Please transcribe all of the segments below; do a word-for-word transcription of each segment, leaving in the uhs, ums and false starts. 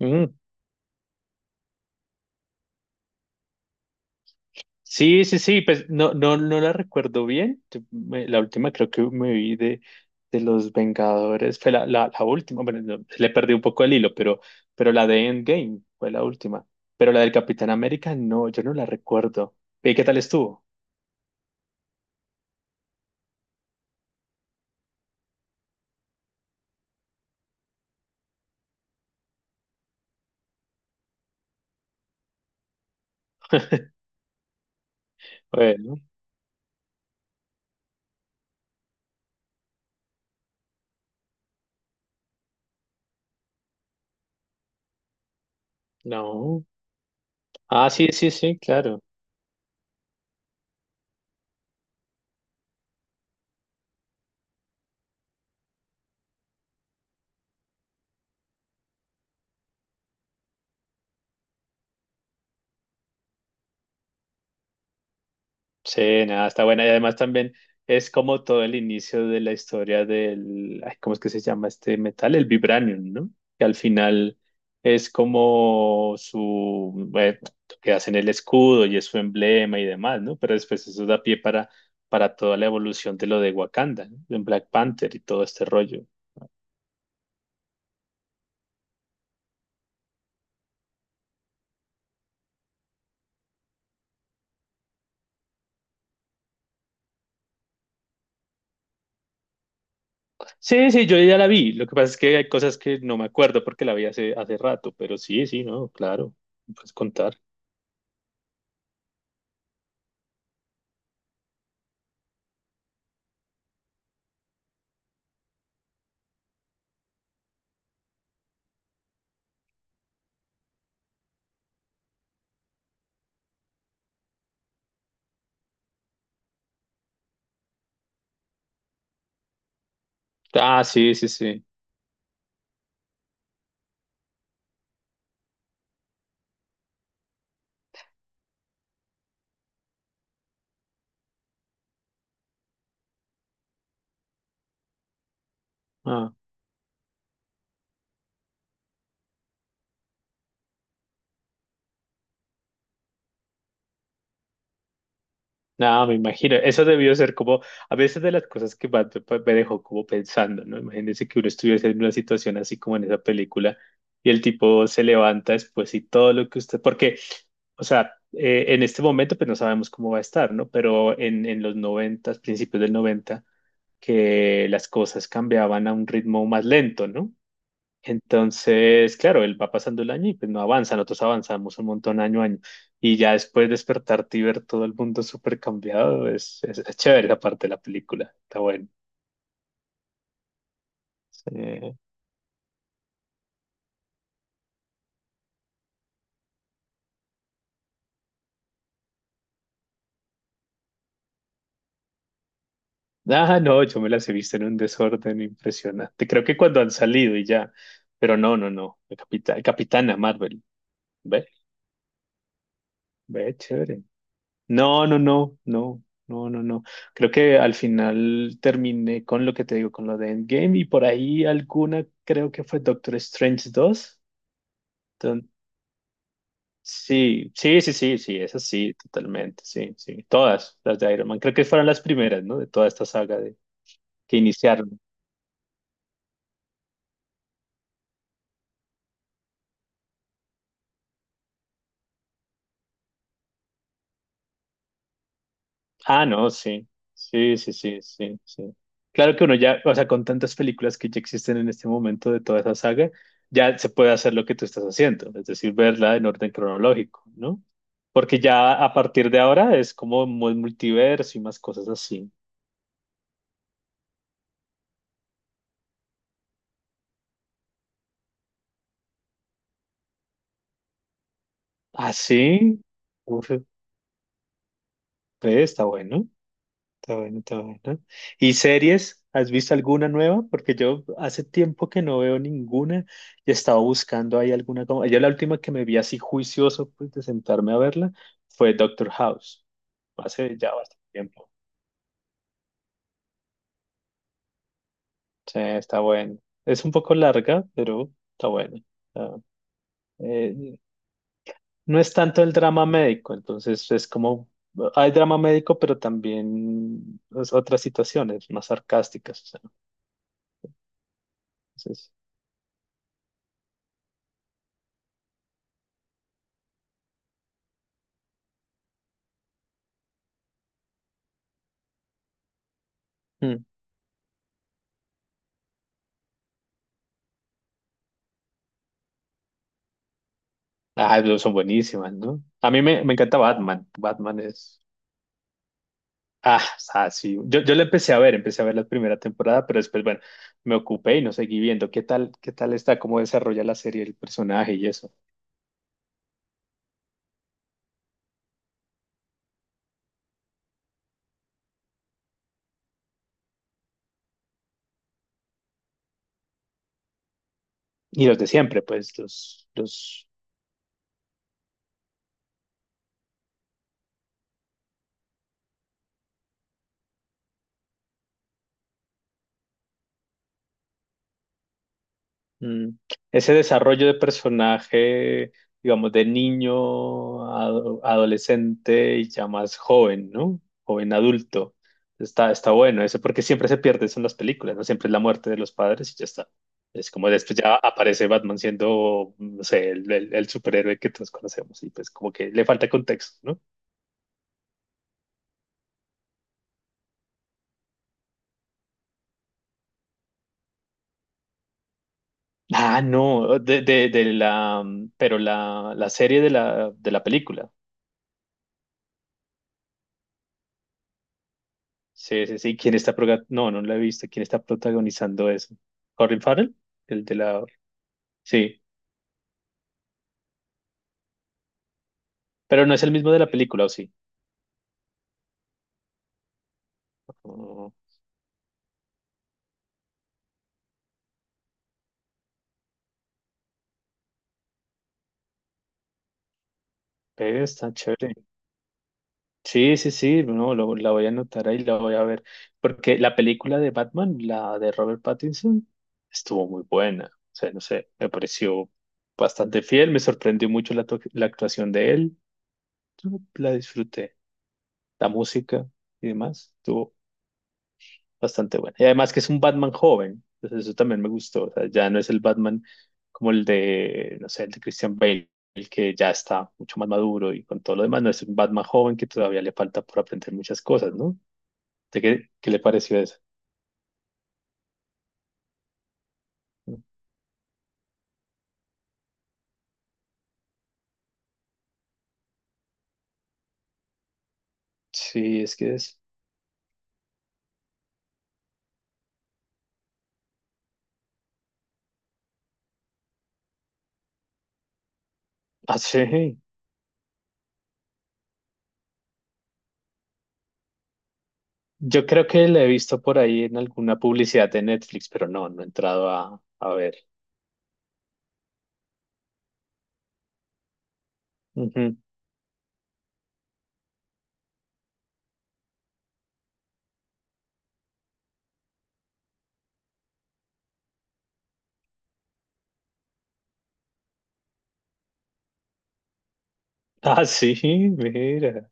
Mm, sí, sí, sí, pues no, no, no la recuerdo bien. Yo me- la última creo que me vi de, de Los Vengadores, fue la, la, la última, bueno, no, le perdí un poco el hilo, pero, pero la de Endgame fue la última. Pero la del Capitán América, no, yo no la recuerdo. ¿Y qué tal estuvo? Bueno, no. Ah, sí, sí, sí, claro. Sí, nada, está buena. Y además también es como todo el inicio de la historia del, ay, ¿cómo es que se llama este metal? El vibranium, ¿no? Que al final es como su, bueno, que hacen el escudo y es su emblema y demás, ¿no? Pero después eso da pie para, para toda la evolución de lo de Wakanda, ¿no? En Black Panther y todo este rollo. Sí, sí, yo ya la vi. Lo que pasa es que hay cosas que no me acuerdo porque la vi hace, hace rato, pero sí, sí, no, claro, puedes contar. Ah, sí, sí, sí. Ah. No, me imagino. Eso debió ser como, a veces de las cosas que más me pa- me dejó como pensando, ¿no? Imagínense que uno estuviese en una situación así como en esa película y el tipo se levanta después y todo lo que usted, porque, o sea, eh, en este momento pues no sabemos cómo va a estar, ¿no? Pero en, en los noventas, principios del noventa, que las cosas cambiaban a un ritmo más lento, ¿no? Entonces, claro, él va pasando el año y pues no avanza, nosotros avanzamos un montón año a año. Y ya después despertarte y ver todo el mundo súper cambiado, es, es, es chévere la parte de la película, está bueno. Eh, ah, no, yo me las he visto en un desorden impresionante. Creo que cuando han salido y ya, pero no, no, no, el Capitán, Capitana Marvel, ve, ve, chévere. No, no, no, no, no, no, no. Creo que al final terminé con lo que te digo, con lo de Endgame y por ahí alguna, creo que fue Doctor Strange dos. Enton- sí, sí, sí, sí, sí, esas sí, totalmente, sí, sí. Todas las de Iron Man, creo que fueron las primeras, ¿no? De toda esta saga de, que iniciaron. Ah, no, sí, sí, sí, sí, sí, sí. Claro que uno ya, o sea, con tantas películas que ya existen en este momento de toda esa saga, ya se puede hacer lo que tú estás haciendo, es decir, verla en orden cronológico, ¿no? Porque ya a partir de ahora es como muy multiverso y más cosas así. Ah, sí, uf, ve, está bueno. Está bueno, está bueno. ¿Y series? ¿Has visto alguna nueva? Porque yo hace tiempo que no veo ninguna y estaba buscando ahí alguna. Como... yo la última que me vi así juicioso pues, de sentarme a verla fue Doctor House. Hace ya bastante tiempo. Sí, está bueno. Es un poco larga, pero está bueno. Está- eh, no es tanto el drama médico, entonces es como... hay drama médico, pero también pues, otras situaciones más sarcásticas. O sea, entonces, ah, pero son buenísimas, ¿no? A mí me, me encanta Batman. Batman es... ah, o sea, sí. Yo, yo la empecé a ver, empecé a ver la primera temporada, pero después, bueno, me ocupé y no seguí viendo qué tal, qué tal está, cómo desarrolla la serie, el personaje y eso. Y los de siempre, pues, los, los mm. Ese desarrollo de personaje, digamos, de niño, ado- adolescente y ya más joven, ¿no? Joven adulto. Está, está bueno eso, porque siempre se pierde eso en las películas, ¿no? Siempre es la muerte de los padres y ya está. Es como después ya aparece Batman siendo, no sé, el, el- el superhéroe que todos conocemos y pues como que le falta contexto, ¿no? Ah, no, de, de, de la, pero la, la serie de la, de la película. Sí, sí, sí. ¿Quién está proga- No, no la he visto. ¿Quién está protagonizando eso? ¿Colin Farrell? El de la... sí, pero no es el mismo de la película, ¿o sí? Oh, pero está chévere. Sí, sí, sí. No, lo- la voy a anotar ahí, la voy a ver. Porque la película de Batman, la de Robert Pattinson, estuvo muy buena. O sea, no sé, me pareció bastante fiel. Me sorprendió mucho la, to- la actuación de él. Yo la disfruté. La música y demás. Bastante buena. Y además que es un Batman joven, entonces eso también me gustó. O sea, ya no es el Batman como el de, no sé, el de Christian Bale, el que ya está mucho más maduro y con todo lo demás, no es un Batman joven que todavía le falta por aprender muchas cosas, ¿no? ¿De qué, qué le pareció eso? Sí, es que es... ah, sí. Yo creo que la he visto por ahí en alguna publicidad de Netflix, pero no, no he entrado a, a ver. Ujú. Ah, sí, mira.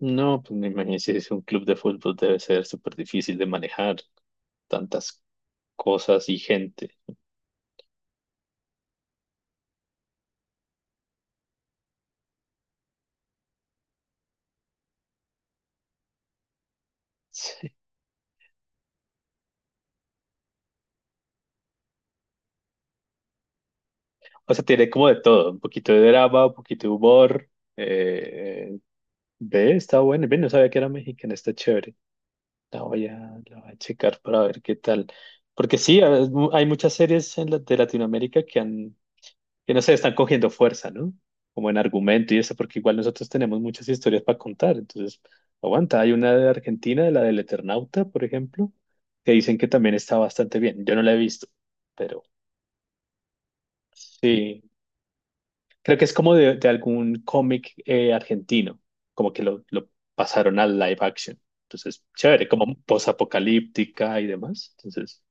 No, pues me imagino si es un club de fútbol debe ser súper difícil de manejar. Tantas cosas y gente. Sí. O sea, tiene como de todo, un poquito de drama, un poquito de humor. Eh, eh, ve, está bueno. Ve, no sabía que era mexicana, está chévere. La voy a, la voy a checar para ver qué tal. Porque sí, a- es mu- hay muchas series en la- de Latinoamérica que han, que no sé, están cogiendo fuerza, ¿no? Como en argumento y eso, porque igual nosotros tenemos muchas historias para contar. Entonces, aguanta. Hay una de Argentina, la del Eternauta, por ejemplo, que dicen que también está bastante bien. Yo no la he visto, pero sí, creo que es como de, de algún cómic eh, argentino, como que lo, lo pasaron al live action. Entonces, chévere, como posapocalíptica y demás. Entonces,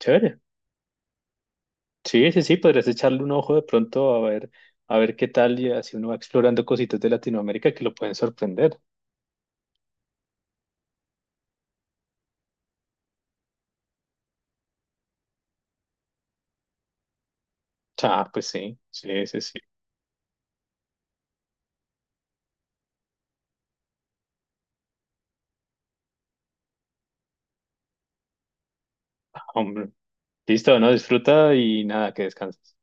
chévere. Sí, sí, sí, podrías echarle un ojo de pronto a ver, a ver qué tal y así uno va explorando cositas de Latinoamérica que lo pueden sorprender. Ah, pues sí, sí, sí, sí. Hombre, listo, no disfruta y nada, que descanses.